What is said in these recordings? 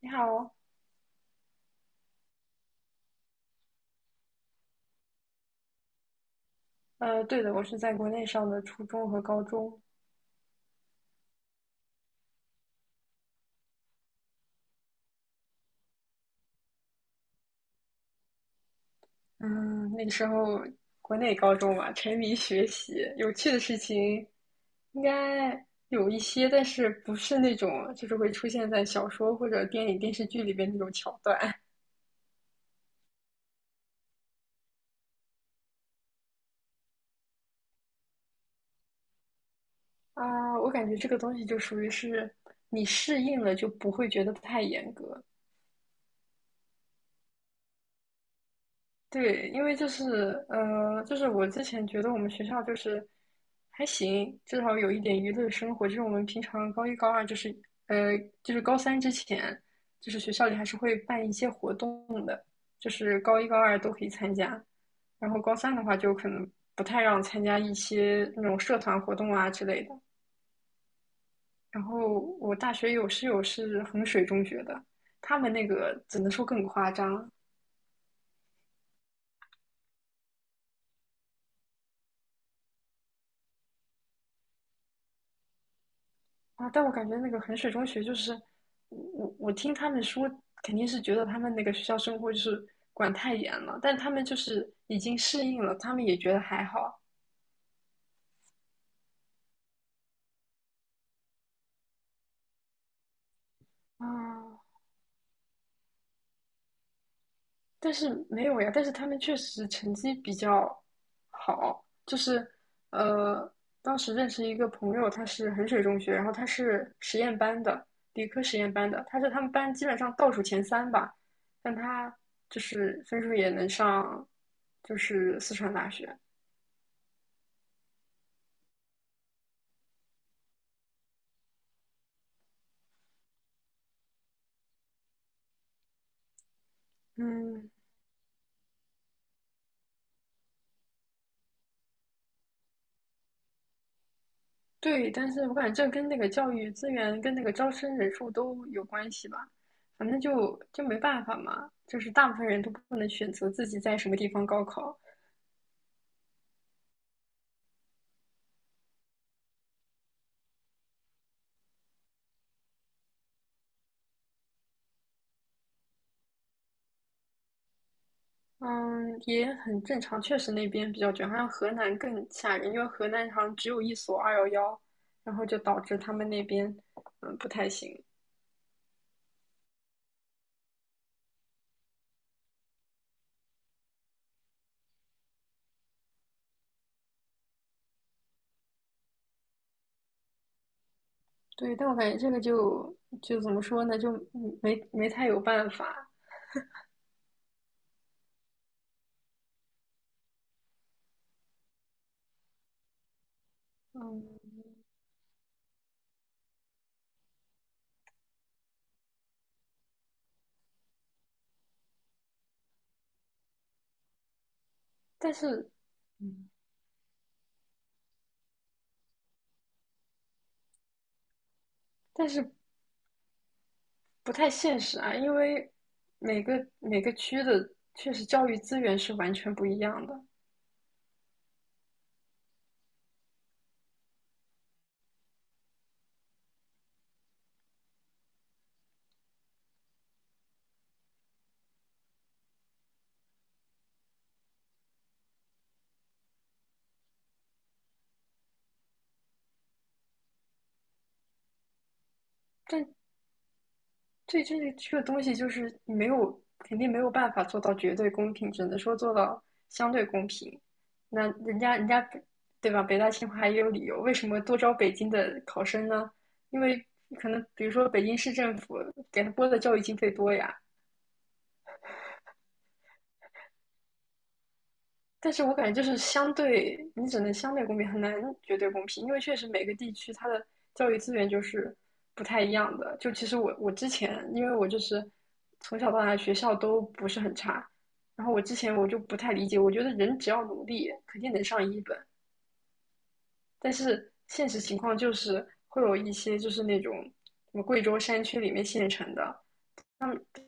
你好，对的，我是在国内上的初中和高中。嗯，那个时候国内高中嘛，沉迷学习，有趣的事情应该有一些，但是不是那种就是会出现在小说或者电影、电视剧里边那种桥段啊。我感觉这个东西就属于是你适应了，就不会觉得太严格。对，因为就是就是我之前觉得我们学校就是还行，至少有一点娱乐生活。就是我们平常高一、高二，就是就是高三之前，就是学校里还是会办一些活动的，就是高一、高二都可以参加。然后高三的话，就可能不太让参加一些那种社团活动啊之类的。然后我大学有室友是衡水中学的，他们那个只能说更夸张，啊，但我感觉那个衡水中学就是，我听他们说，肯定是觉得他们那个学校生活就是管太严了，但他们就是已经适应了，他们也觉得还好啊。但是没有呀，但是他们确实成绩比较好，就是呃，当时认识一个朋友，他是衡水中学，然后他是实验班的，理科实验班的，他是他们班基本上倒数前三吧，但他就是分数也能上，就是四川大学。嗯，对，但是我感觉这跟那个教育资源跟那个招生人数都有关系吧，反正就没办法嘛，就是大部分人都不能选择自己在什么地方高考，嗯，也很正常，确实那边比较卷，好像河南更吓人，因为河南好像只有一所211，然后就导致他们那边不太行，对，但我感觉这个就怎么说呢，就没太有办法，嗯，但是。嗯，但是不太现实啊，因为每个区的确实教育资源是完全不一样的，但对这个东西就是没有肯定没有办法做到绝对公平，只能说做到相对公平。那人家对吧？北大清华也有理由，为什么多招北京的考生呢？因为可能比如说北京市政府给他拨的教育经费多呀，但是我感觉就是相对，你只能相对公平，很难绝对公平，因为确实每个地区它的教育资源就是不太一样的。就其实我之前，因为我就是从小到大学校都不是很差，然后我之前我就不太理解，我觉得人只要努力肯定能上一本，但是现实情况就是会有一些就是那种什么贵州山区里面县城的，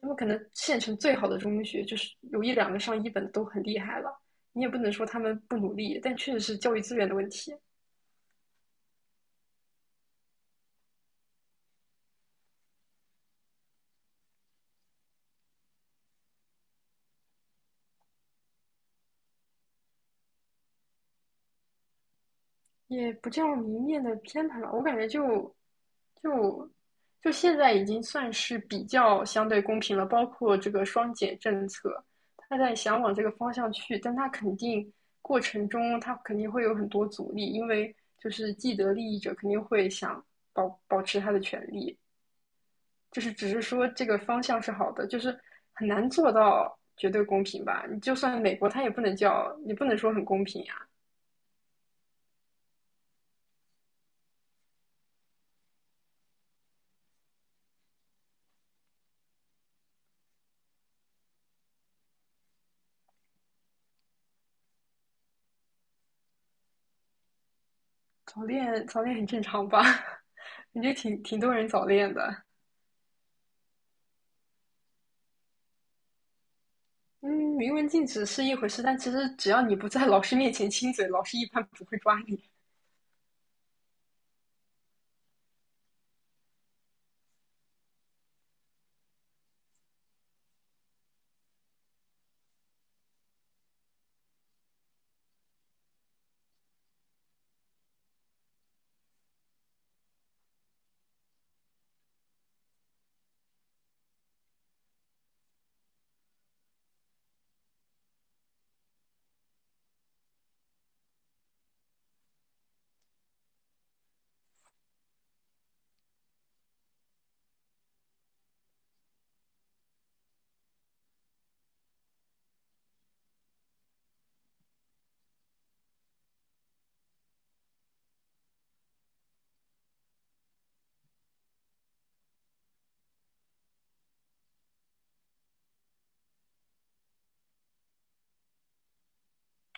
他们可能县城最好的中学，就是有一两个上一本的都很厉害了。你也不能说他们不努力，但确实是教育资源的问题，也不叫明面的偏袒吧。我感觉就就现在已经算是比较相对公平了，包括这个双减政策，他在想往这个方向去，但他肯定过程中他肯定会有很多阻力，因为就是既得利益者肯定会想保持他的权利，就是只是说这个方向是好的，就是很难做到绝对公平吧。你就算美国，它也不能叫你不能说很公平呀、早恋，早恋很正常吧？感觉挺多人早恋的。嗯，明文禁止是一回事，但其实只要你不在老师面前亲嘴，老师一般不会抓你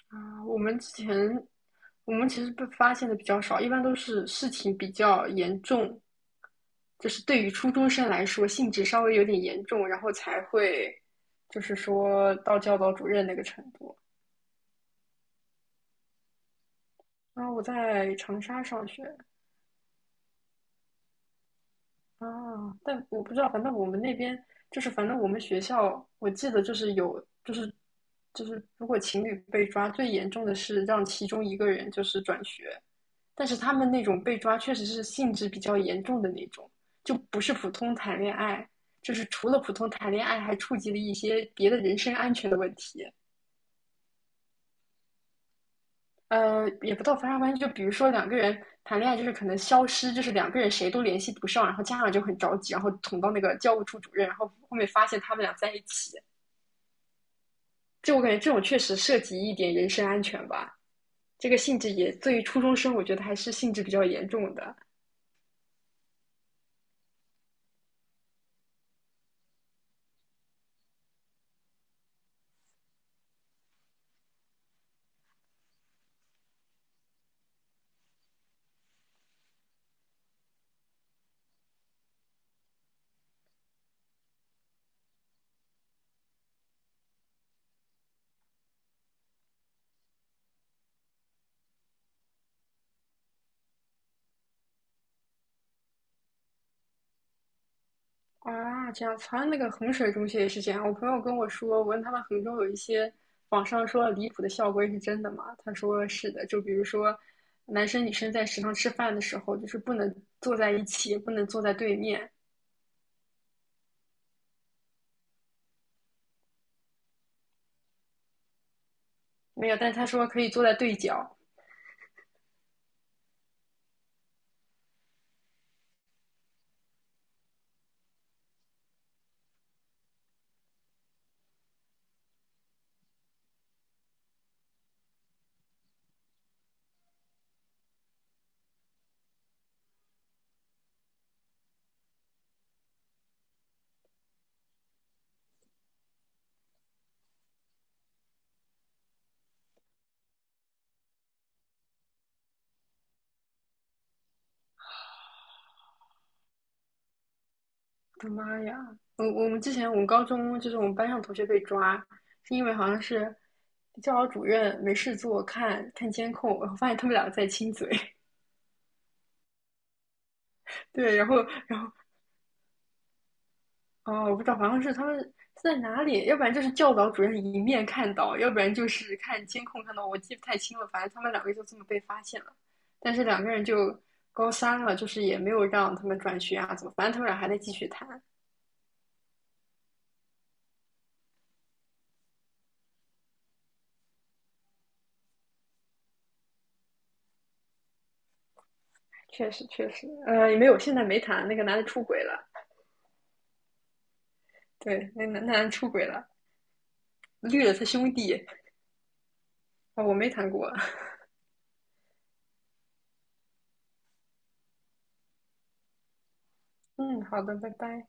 啊。我们其实被发现的比较少，一般都是事情比较严重，就是对于初中生来说性质稍微有点严重，然后才会就是说到教导主任那个程度。然后我在长沙上学啊，但我不知道，反正我们那边就是反正我们学校，我记得就是有就是如果情侣被抓，最严重的是让其中一个人就是转学。但是他们那种被抓确实是性质比较严重的那种，就不是普通谈恋爱，就是除了普通谈恋爱，还触及了一些别的人身安全的问题。呃，也不到发生关系，就比如说两个人谈恋爱，就是可能消失，就是两个人谁都联系不上，然后家长就很着急，然后捅到那个教务处主任，然后后面发现他们俩在一起。就我感觉这种确实涉及一点人身安全吧，这个性质也对于初中生，我觉得还是性质比较严重的。啊，这样子，好像那个衡水中学也是这样。我朋友跟我说，我问他们衡中有一些网上说的离谱的校规是真的吗？他说是的，就比如说，男生女生在食堂吃饭的时候，就是不能坐在一起，不能坐在对面。没有，但是他说可以坐在对角。我的妈呀！我我们之前我们高中就是我们班上同学被抓，是因为好像是教导主任没事做看看监控，然后发现他们俩在亲嘴。对，然后哦，我不知道，好像是他们是在哪里，要不然就是教导主任一面看到，要不然就是看监控看到，我记不太清了。反正他们两个就这么被发现了，但是两个人就高三了，就是也没有让他们转学啊，怎么？反正他们俩还在继续谈。确实，确实，呃，也没有，现在没谈。那个男的出轨了，对，那男的出轨了，绿了他兄弟。啊、我没谈过。嗯，好的，拜拜。